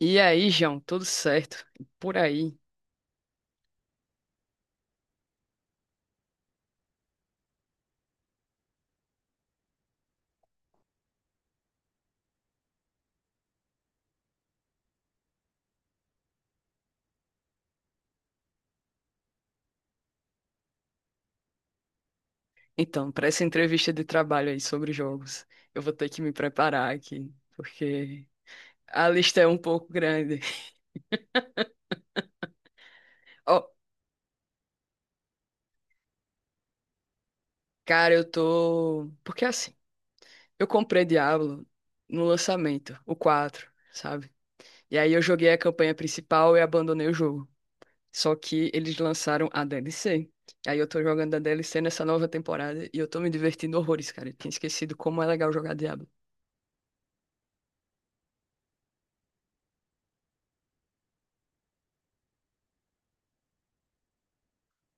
E aí, João, tudo certo? Por aí. Então, para essa entrevista de trabalho aí sobre jogos, eu vou ter que me preparar aqui, porque a lista é um pouco grande. Ó, cara, eu tô. Porque assim, eu comprei Diablo no lançamento, o 4, sabe? E aí eu joguei a campanha principal e abandonei o jogo. Só que eles lançaram a DLC. Aí eu tô jogando a DLC nessa nova temporada e eu tô me divertindo horrores, cara. Eu tinha esquecido como é legal jogar Diablo.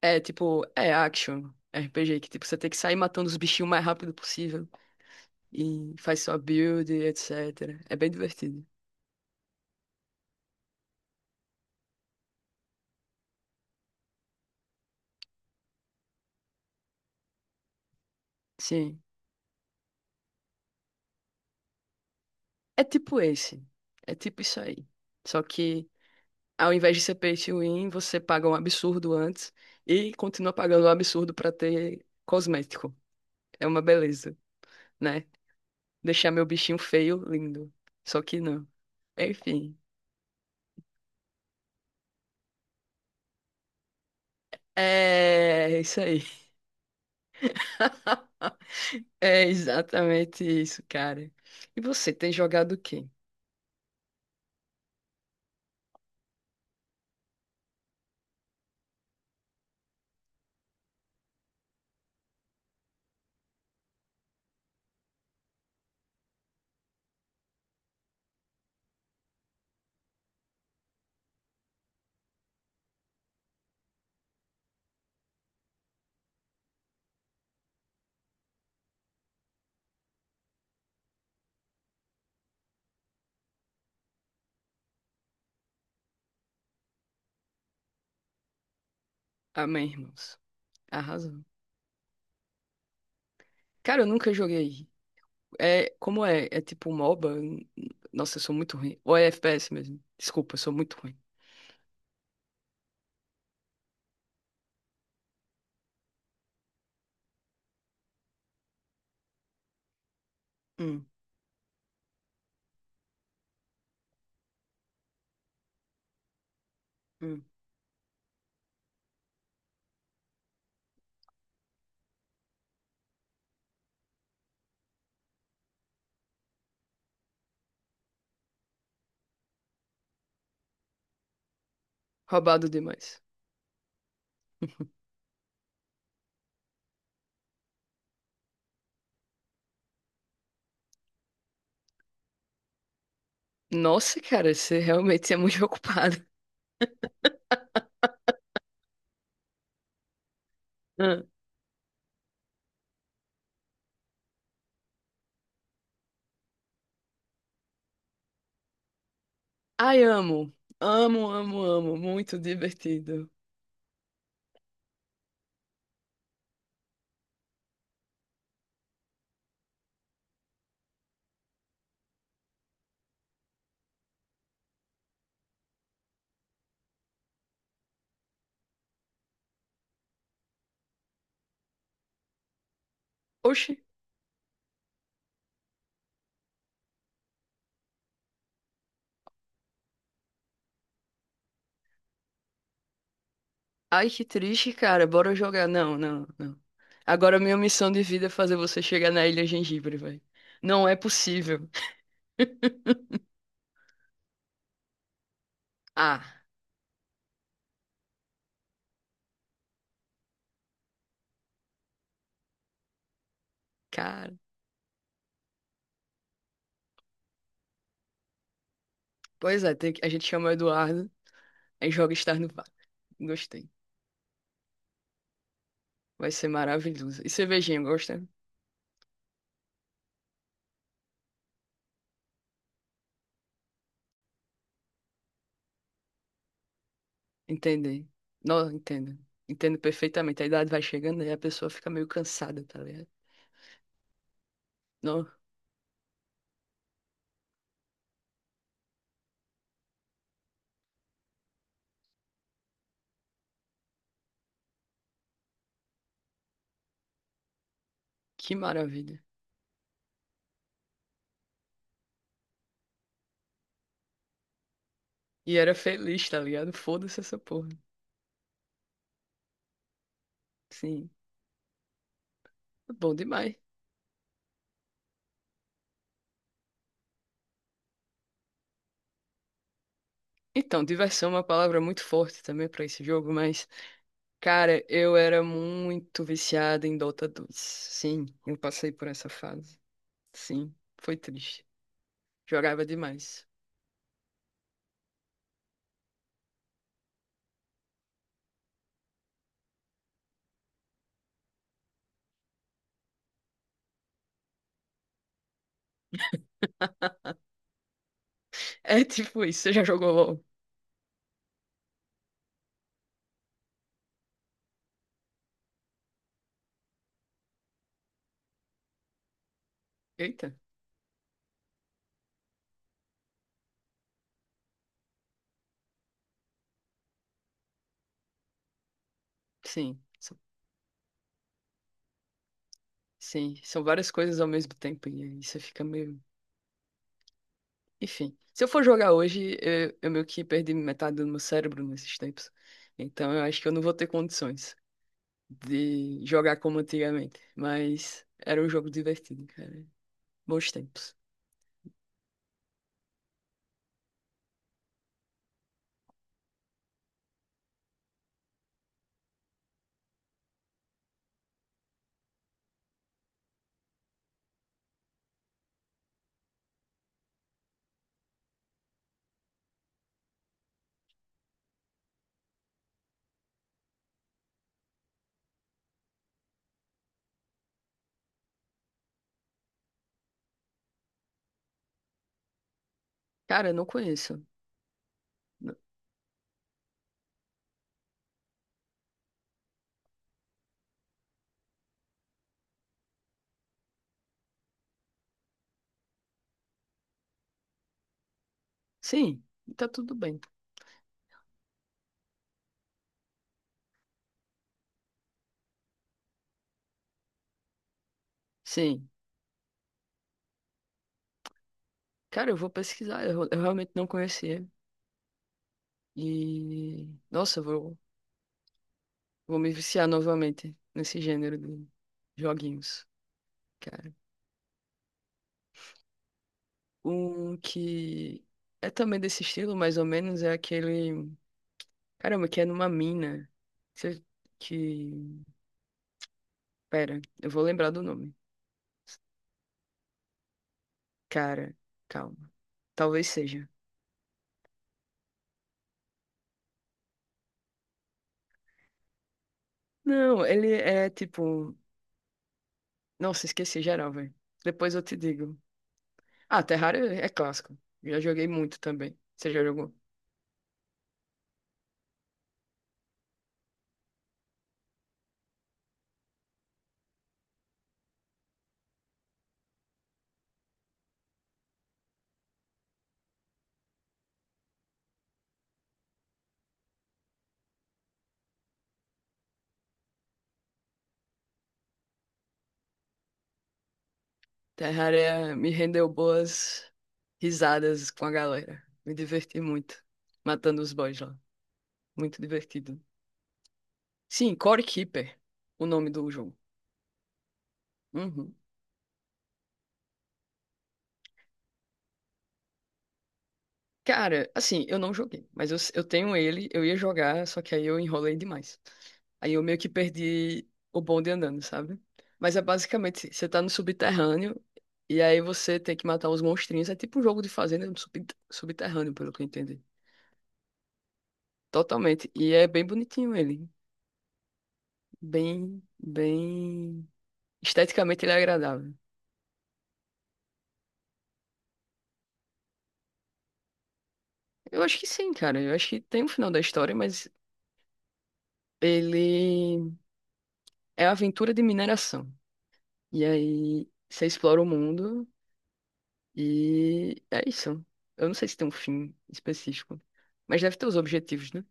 É tipo, é action RPG, que tipo, você tem que sair matando os bichinhos o mais rápido possível. E faz sua build, etc. É bem divertido. Sim. É tipo esse. É tipo isso aí. Só que ao invés de ser pay to win, você paga um absurdo antes e continua pagando um absurdo pra ter cosmético. É uma beleza, né? Deixar meu bichinho feio, lindo. Só que não. Enfim. É isso aí. É exatamente isso, cara. E você tem jogado o quê? Amém, irmãos. Arrasou. Cara, eu nunca joguei. É, como é? É tipo MOBA? Nossa, eu sou muito ruim. Ou é FPS mesmo? Desculpa, eu sou muito ruim. Hum, hum. Roubado demais. Nossa, cara, você realmente é muito ocupado. Ah, ai, amo. Amo, amo, amo. Muito divertido. Oxi. Ai, que triste, cara. Bora jogar. Não, não, não. Agora a minha missão de vida é fazer você chegar na Ilha Gengibre, velho. Não é possível. Ah, cara. Pois é, a gente chama o Eduardo, aí joga Star no Vale. Gostei. Vai ser maravilhoso. E cervejinha, gosta? Entendi. Não, entendo. Entendo perfeitamente. A idade vai chegando e a pessoa fica meio cansada, tá ligado? Não, que maravilha. E era feliz, tá ligado? Foda-se essa porra. Sim. Bom demais. Então, diversão é uma palavra muito forte também para esse jogo, mas, cara, eu era muito viciado em Dota 2. Sim, eu passei por essa fase. Sim, foi triste. Jogava demais. É tipo isso, você já jogou LOL? Eita, sim. Sim, são várias coisas ao mesmo tempo e aí você fica meio. Enfim, se eu for jogar hoje, eu meio que perdi metade do meu cérebro nesses tempos. Então eu acho que eu não vou ter condições de jogar como antigamente. Mas era um jogo divertido, cara. Bons tempos. Cara, eu não conheço. N- Sim, tá tudo bem. Sim. Cara, eu vou pesquisar. Eu realmente não conhecia. E, nossa, eu vou me viciar novamente nesse gênero de joguinhos, cara. Um que é também desse estilo, mais ou menos, é aquele. Caramba, que é numa mina. Você- Que. Pera, eu vou lembrar do nome. Cara, calma. Talvez seja. Não, ele é tipo. Nossa, esqueci geral, velho. Depois eu te digo. Ah, Terraria é clássico. Já joguei muito também. Você já jogou? Terraria me rendeu boas risadas com a galera. Me diverti muito. Matando os boys lá. Muito divertido. Sim, Core Keeper, o nome do jogo. Uhum. Cara, assim, eu não joguei, mas eu tenho ele, eu ia jogar, só que aí eu enrolei demais. Aí eu meio que perdi o bonde andando, sabe? Mas é basicamente, você tá no subterrâneo e aí você tem que matar uns monstrinhos. É tipo um jogo de fazenda no subterrâneo, pelo que eu entendi. Totalmente. E é bem bonitinho ele. Bem, bem. Esteticamente ele é agradável. Eu acho que sim, cara. Eu acho que tem um final da história, mas ele é a aventura de mineração. E aí você explora o mundo. E é isso. Eu não sei se tem um fim específico, mas deve ter os objetivos, né?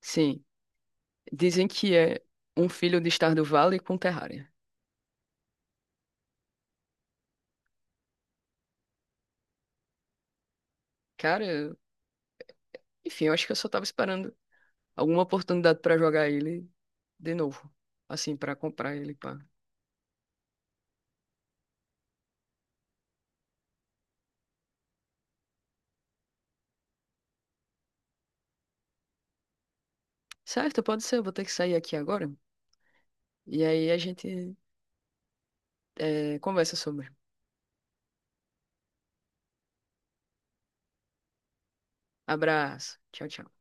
Sim, dizem que é um filho de estar do Vale com Terraria. Cara, enfim, eu acho que eu só tava esperando alguma oportunidade pra jogar ele de novo. Assim, pra comprar ele, pá. Certo, pode ser, eu vou ter que sair aqui agora. E aí a gente conversa sobre. Abraço. Tchau, tchau.